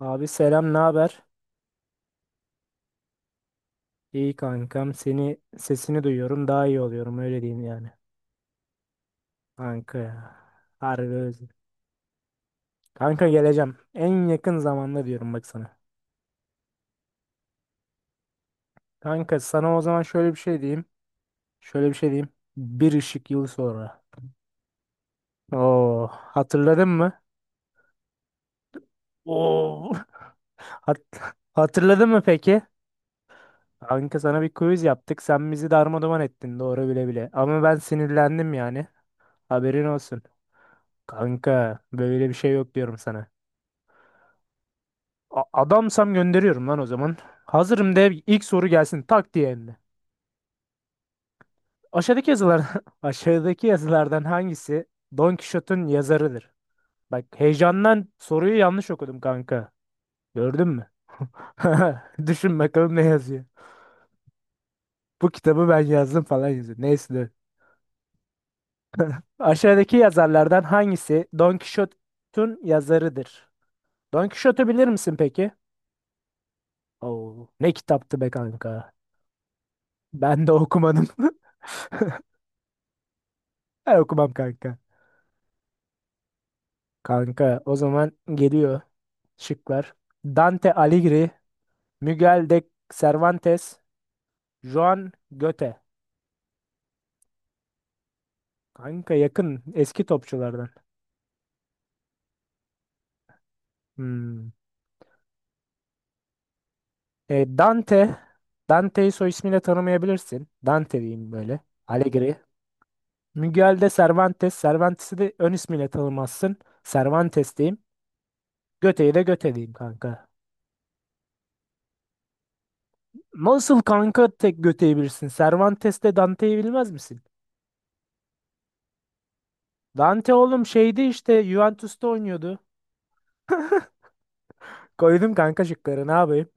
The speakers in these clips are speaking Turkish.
Abi selam, ne haber? İyi kankam. Seni sesini duyuyorum, daha iyi oluyorum öyle diyeyim yani. Kanka ya. Harbi özledim. Kanka geleceğim. En yakın zamanda diyorum bak sana. Kanka sana o zaman şöyle bir şey diyeyim. Şöyle bir şey diyeyim. Bir ışık yılı sonra. Oo, hatırladın mı? Oo. Hat hatırladın mı peki? Kanka sana bir quiz yaptık. Sen bizi darmadağın ettin doğru bile bile. Ama ben sinirlendim yani. Haberin olsun. Kanka böyle bir şey yok diyorum sana. Adamsam gönderiyorum lan o zaman. Hazırım de ilk soru gelsin tak diye hem de. Aşağıdaki yazılar aşağıdaki yazılardan hangisi Don Quixote'un yazarıdır? Bak heyecandan soruyu yanlış okudum kanka. Gördün mü? Düşün bakalım ne yazıyor. Bu kitabı ben yazdım falan yazıyor. Neyse, dur. Aşağıdaki yazarlardan hangisi Don Quixote'un yazarıdır? Don Quixote'u bilir misin peki? Oo, ne kitaptı be kanka. Ben de okumadım. Ben okumam kanka. Kanka o zaman geliyor şıklar. Dante Alighieri, Miguel de Cervantes, Joan Goethe. Kanka yakın eski topçulardan. Hmm. Dante, Dante'yi soy ismiyle tanımayabilirsin. Dante diyeyim böyle. Alighieri. Miguel de Cervantes, Cervantes'i de ön ismiyle tanımazsın. Cervantes diyeyim. Goethe'yi de Goethe diyeyim kanka. Nasıl kanka tek Goethe'yi bilirsin? Cervantes'te Dante'yi bilmez misin? Dante oğlum şeydi işte Juventus'ta oynuyordu. Koydum kanka şıkları ne yapayım?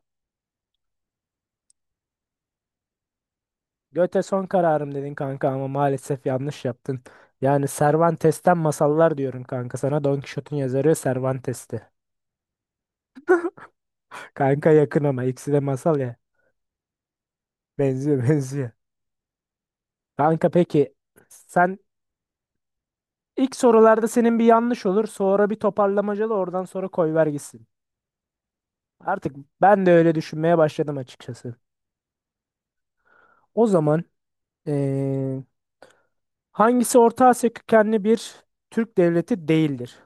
Göte son kararım dedin kanka ama maalesef yanlış yaptın. Yani Cervantes'ten masallar diyorum kanka sana. Don Quixote'un yazarı Cervantes'ti. Kanka yakın ama ikisi de masal ya. Benziyor benziyor. Kanka peki sen ilk sorularda senin bir yanlış olur sonra bir toparlamacalı oradan sonra koyver gitsin. Artık ben de öyle düşünmeye başladım açıkçası. O zaman eee, hangisi Orta Asya kökenli bir Türk devleti değildir?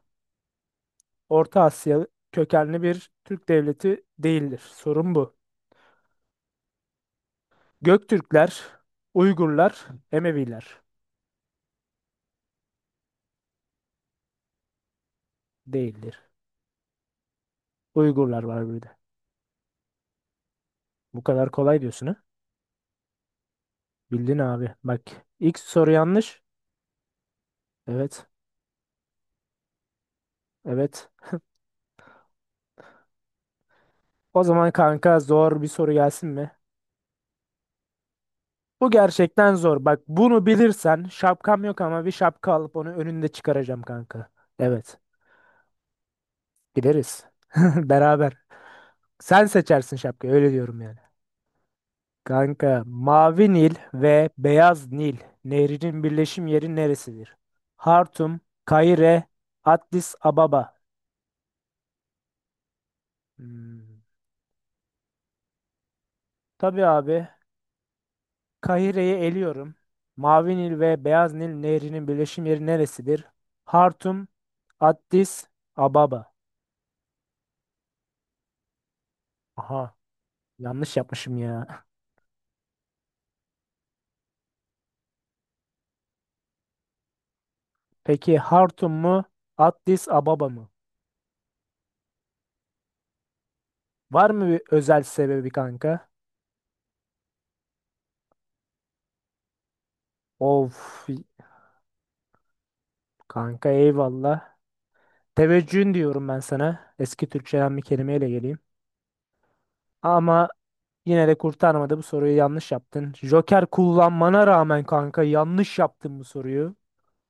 Orta Asya kökenli bir Türk devleti değildir. Sorun bu. Göktürkler, Uygurlar, Emeviler değildir. Uygurlar var bir de. Bu kadar kolay diyorsun ha? Bildin abi. Bak ilk soru yanlış. Evet. Evet. O zaman kanka zor bir soru gelsin mi? Bu gerçekten zor. Bak bunu bilirsen şapkam yok ama bir şapka alıp onu önünde çıkaracağım kanka. Evet. Gideriz. Beraber. Sen seçersin şapkayı öyle diyorum yani. Kanka, Mavi Nil ve Beyaz Nil nehrinin birleşim yeri neresidir? Hartum, Kahire, Addis Ababa. Hmm. Tabii abi, Kahire'yi eliyorum. Mavi Nil ve Beyaz Nil nehrinin birleşim yeri neresidir? Hartum, Addis Ababa. Aha, yanlış yapmışım ya. Peki Hartum mu, Addis Ababa mı? Var mı bir özel sebebi kanka? Of, kanka eyvallah. Teveccühün diyorum ben sana. Eski Türkçeden bir kelimeyle geleyim. Ama yine de kurtarmadı, bu soruyu yanlış yaptın. Joker kullanmana rağmen kanka yanlış yaptın bu soruyu.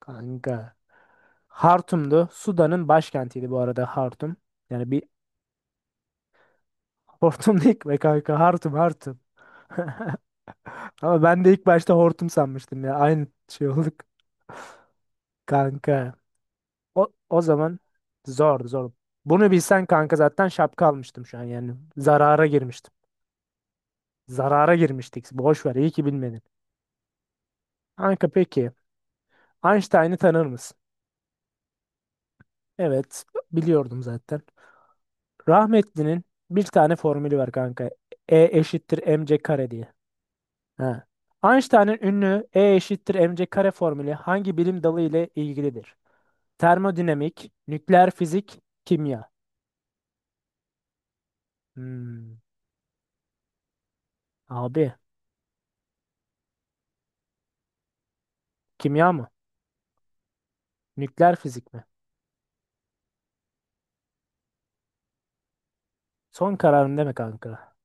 Kanka. Hartum'du. Sudan'ın başkentiydi bu arada Hartum. Yani bir hortum değil be kanka, Hartum Hartum. Ama ben de ilk başta hortum sanmıştım ya. Aynı şey olduk kanka. O zaman zordu zor. Bunu bilsen kanka zaten şapka almıştım şu an yani. Zarara girmiştim. Zarara girmiştik. Boş ver, iyi ki bilmedin. Kanka peki, Einstein'ı tanır mısın? Evet, biliyordum zaten. Rahmetli'nin bir tane formülü var kanka. E eşittir mc kare diye. Ha. Einstein'ın ünlü E eşittir mc kare formülü hangi bilim dalı ile ilgilidir? Termodinamik, nükleer fizik, kimya. Hmm, abi, kimya mı? Nükleer fizik mi? Son kararın deme kanka.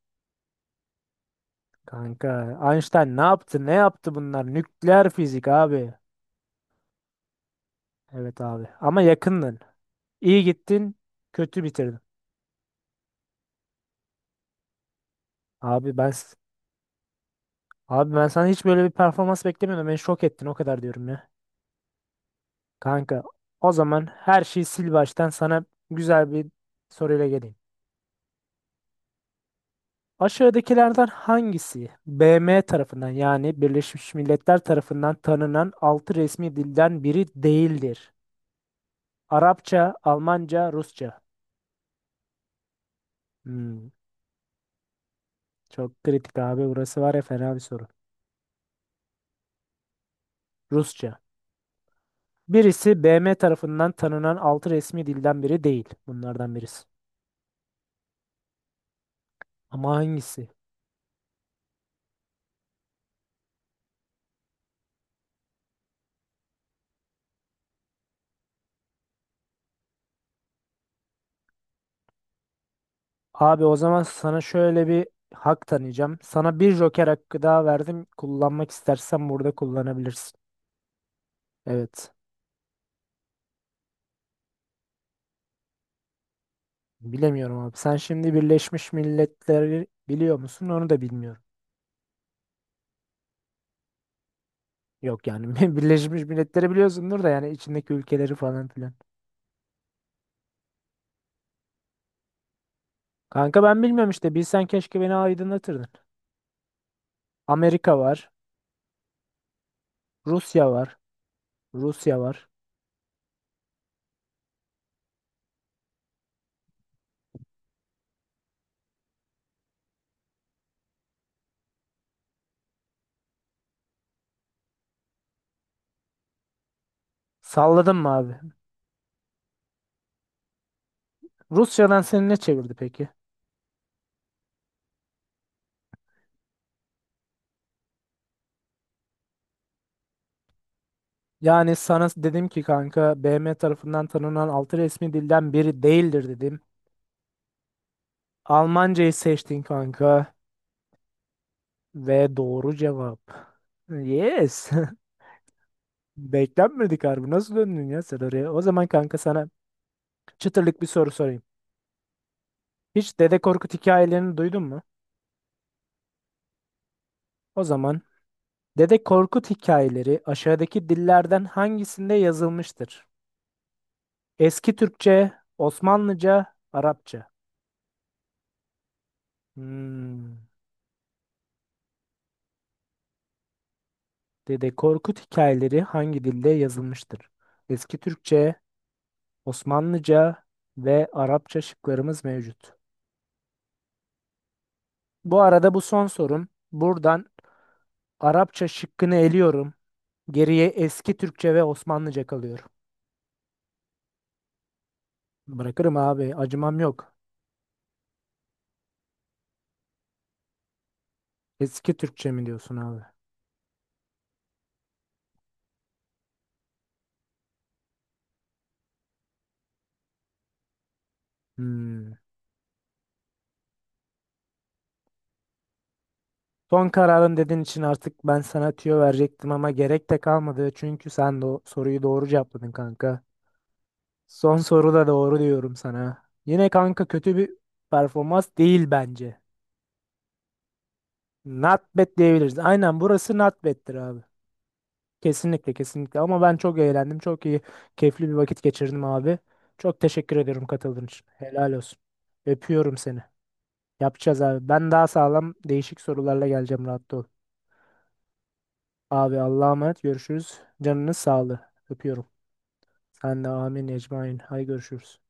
Kanka, Einstein ne yaptı? Ne yaptı bunlar? Nükleer fizik abi. Evet abi. Ama yakındın. İyi gittin, kötü bitirdin. Abi ben s- abi ben sana hiç böyle bir performans beklemiyordum. Beni şok ettin o kadar diyorum ya. Kanka, o zaman her şeyi sil baştan sana güzel bir soruyla geleyim. Aşağıdakilerden hangisi BM tarafından yani Birleşmiş Milletler tarafından tanınan 6 resmi dilden biri değildir? Arapça, Almanca, Rusça. Hmm, çok kritik abi, burası var ya fena bir soru. Rusça. Birisi BM tarafından tanınan altı resmi dilden biri değil. Bunlardan birisi. Ama hangisi? Abi o zaman sana şöyle bir hak tanıyacağım. Sana bir joker hakkı daha verdim. Kullanmak istersen burada kullanabilirsin. Evet. Bilemiyorum abi. Sen şimdi Birleşmiş Milletleri biliyor musun? Onu da bilmiyorum. Yok yani Birleşmiş Milletleri biliyorsundur da yani içindeki ülkeleri falan filan. Kanka ben bilmiyorum işte. Bilsen keşke beni aydınlatırdın. Amerika var. Rusya var. Rusya var. Salladım mı abi? Rusya'dan seni ne çevirdi peki? Yani sana dedim ki kanka, BM tarafından tanınan altı resmi dilden biri değildir dedim. Almancayı seçtin kanka ve doğru cevap. Yes. Beklenmedik harbi. Nasıl döndün ya sen oraya? O zaman kanka sana çıtırlık bir soru sorayım. Hiç Dede Korkut hikayelerini duydun mu? O zaman Dede Korkut hikayeleri aşağıdaki dillerden hangisinde yazılmıştır? Eski Türkçe, Osmanlıca, Arapça. Hmm. Dede Korkut hikayeleri hangi dilde yazılmıştır? Eski Türkçe, Osmanlıca ve Arapça şıklarımız mevcut. Bu arada bu son sorum. Buradan Arapça şıkkını eliyorum. Geriye eski Türkçe ve Osmanlıca kalıyor. Bırakırım abi, acımam yok. Eski Türkçe mi diyorsun abi? Hmm. Son kararın dediğin için artık ben sana tüyo verecektim ama gerek de kalmadı. Çünkü sen de o soruyu doğru cevapladın kanka. Son soruda doğru diyorum sana. Yine kanka kötü bir performans değil bence. Not bad diyebiliriz. Aynen, burası not bad'tir abi. Kesinlikle kesinlikle, ama ben çok eğlendim. Çok iyi keyifli bir vakit geçirdim abi. Çok teşekkür ediyorum katıldığın için. Helal olsun. Öpüyorum seni. Yapacağız abi. Ben daha sağlam değişik sorularla geleceğim rahat ol. Abi Allah'a emanet, görüşürüz. Canınız sağlığı. Öpüyorum. Sen de amin ecmain. Hay görüşürüz.